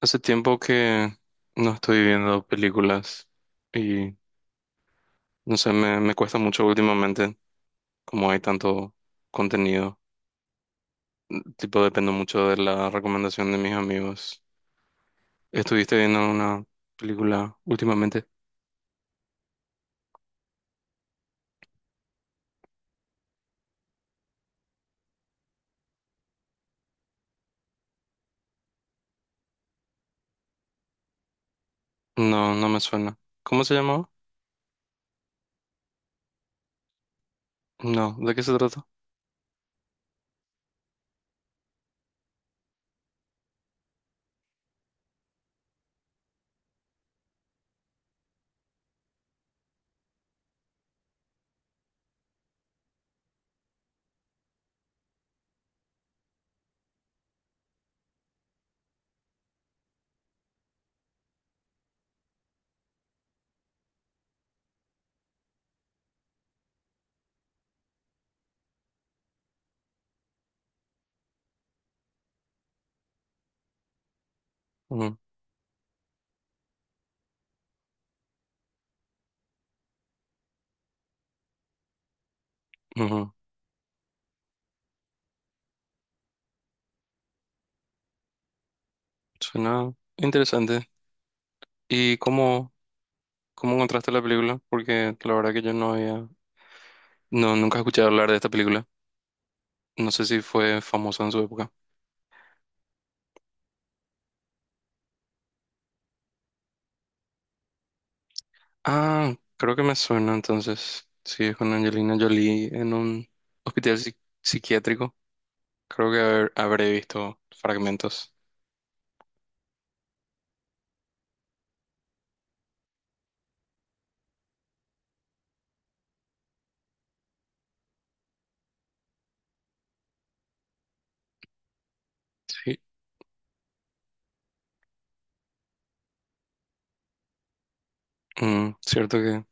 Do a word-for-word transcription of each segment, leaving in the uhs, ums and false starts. Hace tiempo que no estoy viendo películas y no sé, me, me cuesta mucho últimamente, como hay tanto contenido. Tipo, dependo mucho de la recomendación de mis amigos. ¿Estuviste viendo una película últimamente? No, no me suena. ¿Cómo se llamaba? No, ¿de qué se trata? Ujú, ujú. Suena interesante. ¿Y cómo, cómo encontraste la película? Porque la verdad que yo no había, no, nunca escuché hablar de esta película. No sé si fue famosa en su época. Ah, creo que me suena entonces. Sí, es con Angelina Jolie en un hospital psi- psiquiátrico. Creo que haber- habré visto fragmentos. Sí, Mm, cierto que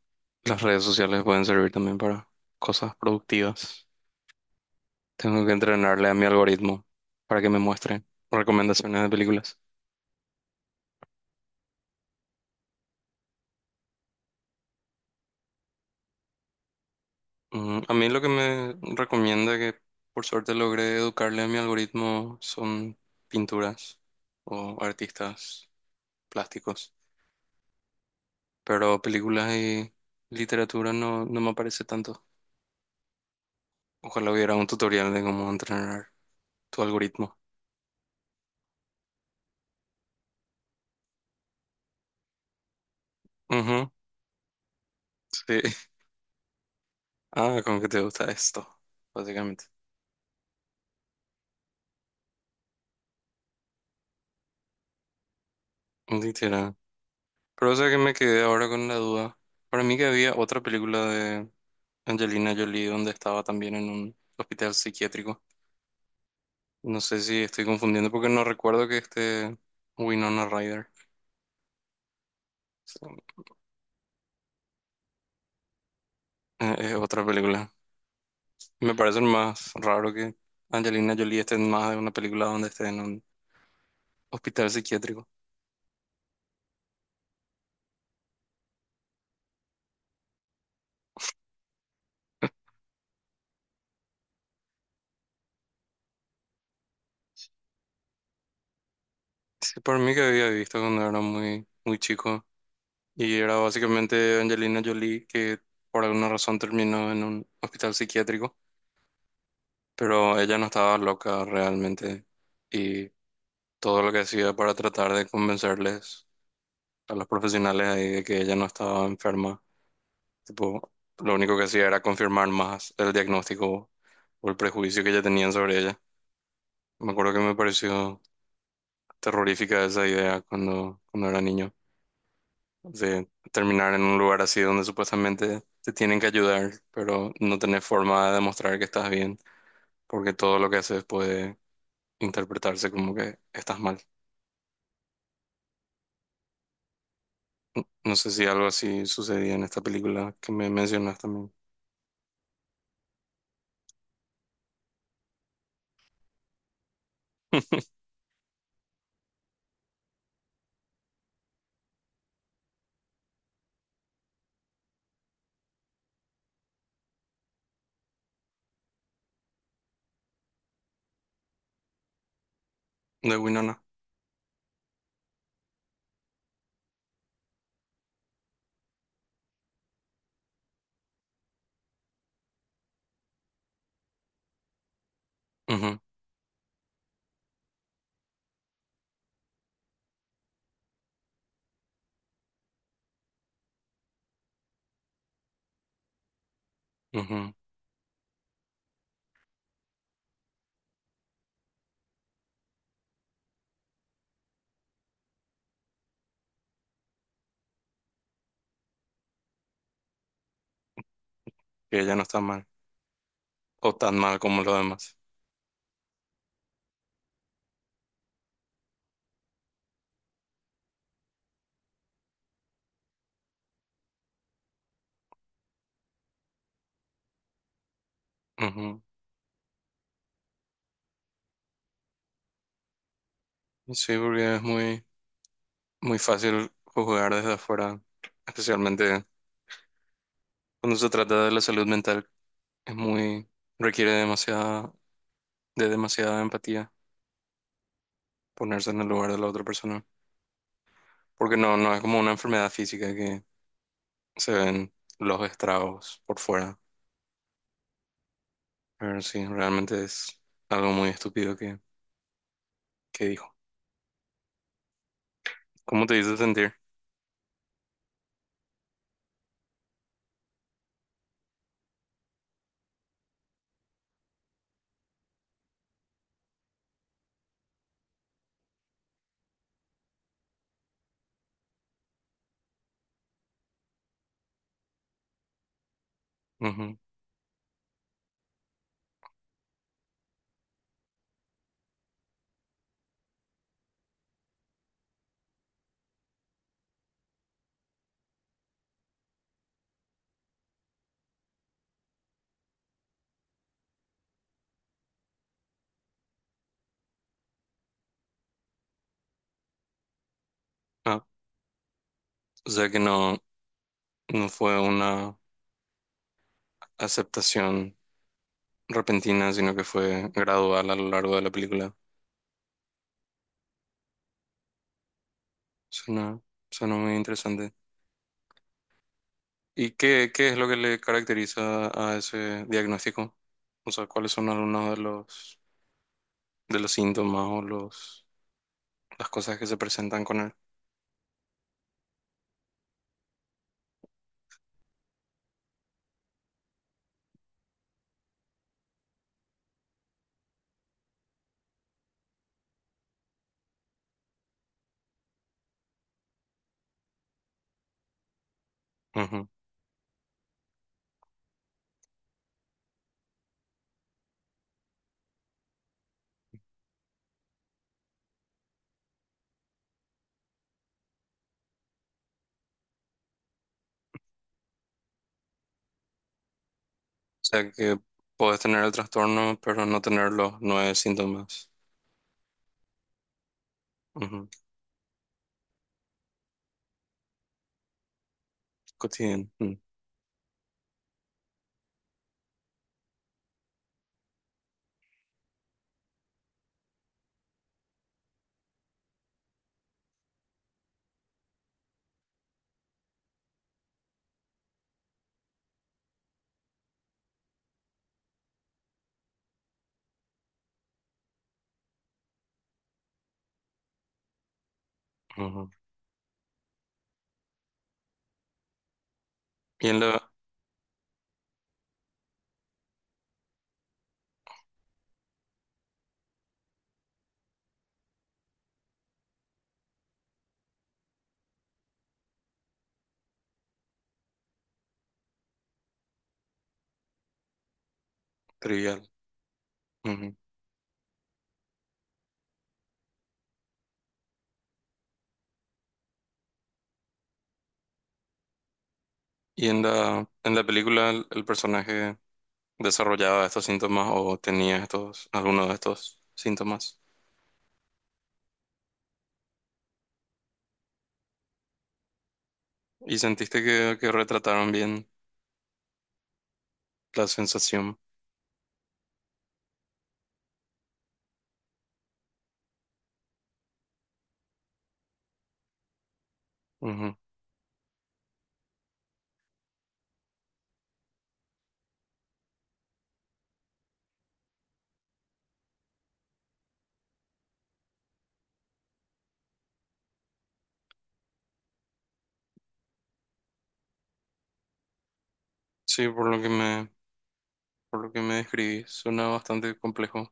las redes sociales pueden servir también para cosas productivas. Tengo que entrenarle a mi algoritmo para que me muestre recomendaciones de películas. Mm, a mí lo que me recomienda, que por suerte logré educarle a mi algoritmo, son pinturas o artistas plásticos. Pero películas y literatura no, no me aparece tanto. Ojalá hubiera un tutorial de cómo entrenar tu algoritmo. Ujú, sí. Ah, con que te gusta esto, básicamente. Literal. Pero o sea que me quedé ahora con la duda. Para mí que había otra película de Angelina Jolie donde estaba también en un hospital psiquiátrico. No sé si estoy confundiendo porque no recuerdo que este Winona Ryder. Sí, eh, es otra película. Me parece más raro que Angelina Jolie esté en más de una película donde esté en un hospital psiquiátrico. Sí, por mí que había visto cuando era muy, muy chico. Y era básicamente Angelina Jolie que por alguna razón terminó en un hospital psiquiátrico. Pero ella no estaba loca realmente. Y todo lo que hacía para tratar de convencerles a los profesionales ahí de que ella no estaba enferma. Tipo, lo único que hacía era confirmar más el diagnóstico o el prejuicio que ya tenían sobre ella. Me acuerdo que me pareció terrorífica esa idea cuando, cuando era niño, de terminar en un lugar así donde supuestamente te tienen que ayudar, pero no tenés forma de demostrar que estás bien, porque todo lo que haces puede interpretarse como que estás mal. No sé si algo así sucedía en esta película que me mencionas también, de Winona. Ujú, ujú, que ella no está mal, o tan mal como los demás. Ujú. Sí, porque es muy, muy fácil juzgar desde afuera, especialmente. Cuando se trata de la salud mental, es muy, requiere demasiada, de demasiada empatía ponerse en el lugar de la otra persona. Porque no, no es como una enfermedad física que se ven los estragos por fuera. Pero sí, realmente es algo muy estúpido que, que dijo. ¿Cómo te hizo sentir? Ujú. Ah, o sea que no, no fue una aceptación repentina, sino que fue gradual a lo largo de la película. Suena, suena muy interesante. ¿Y qué, qué es lo que le caracteriza a ese diagnóstico? O sea, ¿cuáles son algunos de los, de los síntomas o los, las cosas que se presentan con él? Ujú. O sea, que puedes tener el trastorno, pero no tener los nueve síntomas. Ujú. Cotidiano. Mm. Ujú. Y en la Trivial. Ujú. Y en la, en la película, el, el personaje desarrollaba estos síntomas o tenía estos, alguno de estos síntomas. Y sentiste que, que retrataron bien la sensación. Sí, por lo que me, por lo que me describí, suena bastante complejo.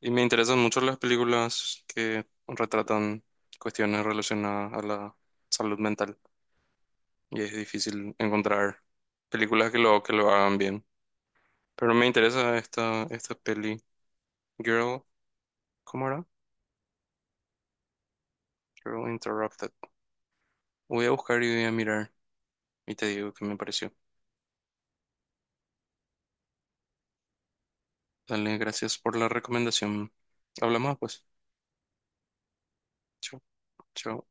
Y me interesan mucho las películas que retratan cuestiones relacionadas a la salud mental. Y es difícil encontrar películas que lo, que lo hagan bien. Pero me interesa esta, esta peli. Girl, ¿cómo era? Girl Interrupted. Voy a buscar y voy a mirar. Y te digo qué me pareció. Dale, gracias por la recomendación. Hablamos pues. Chao, chao.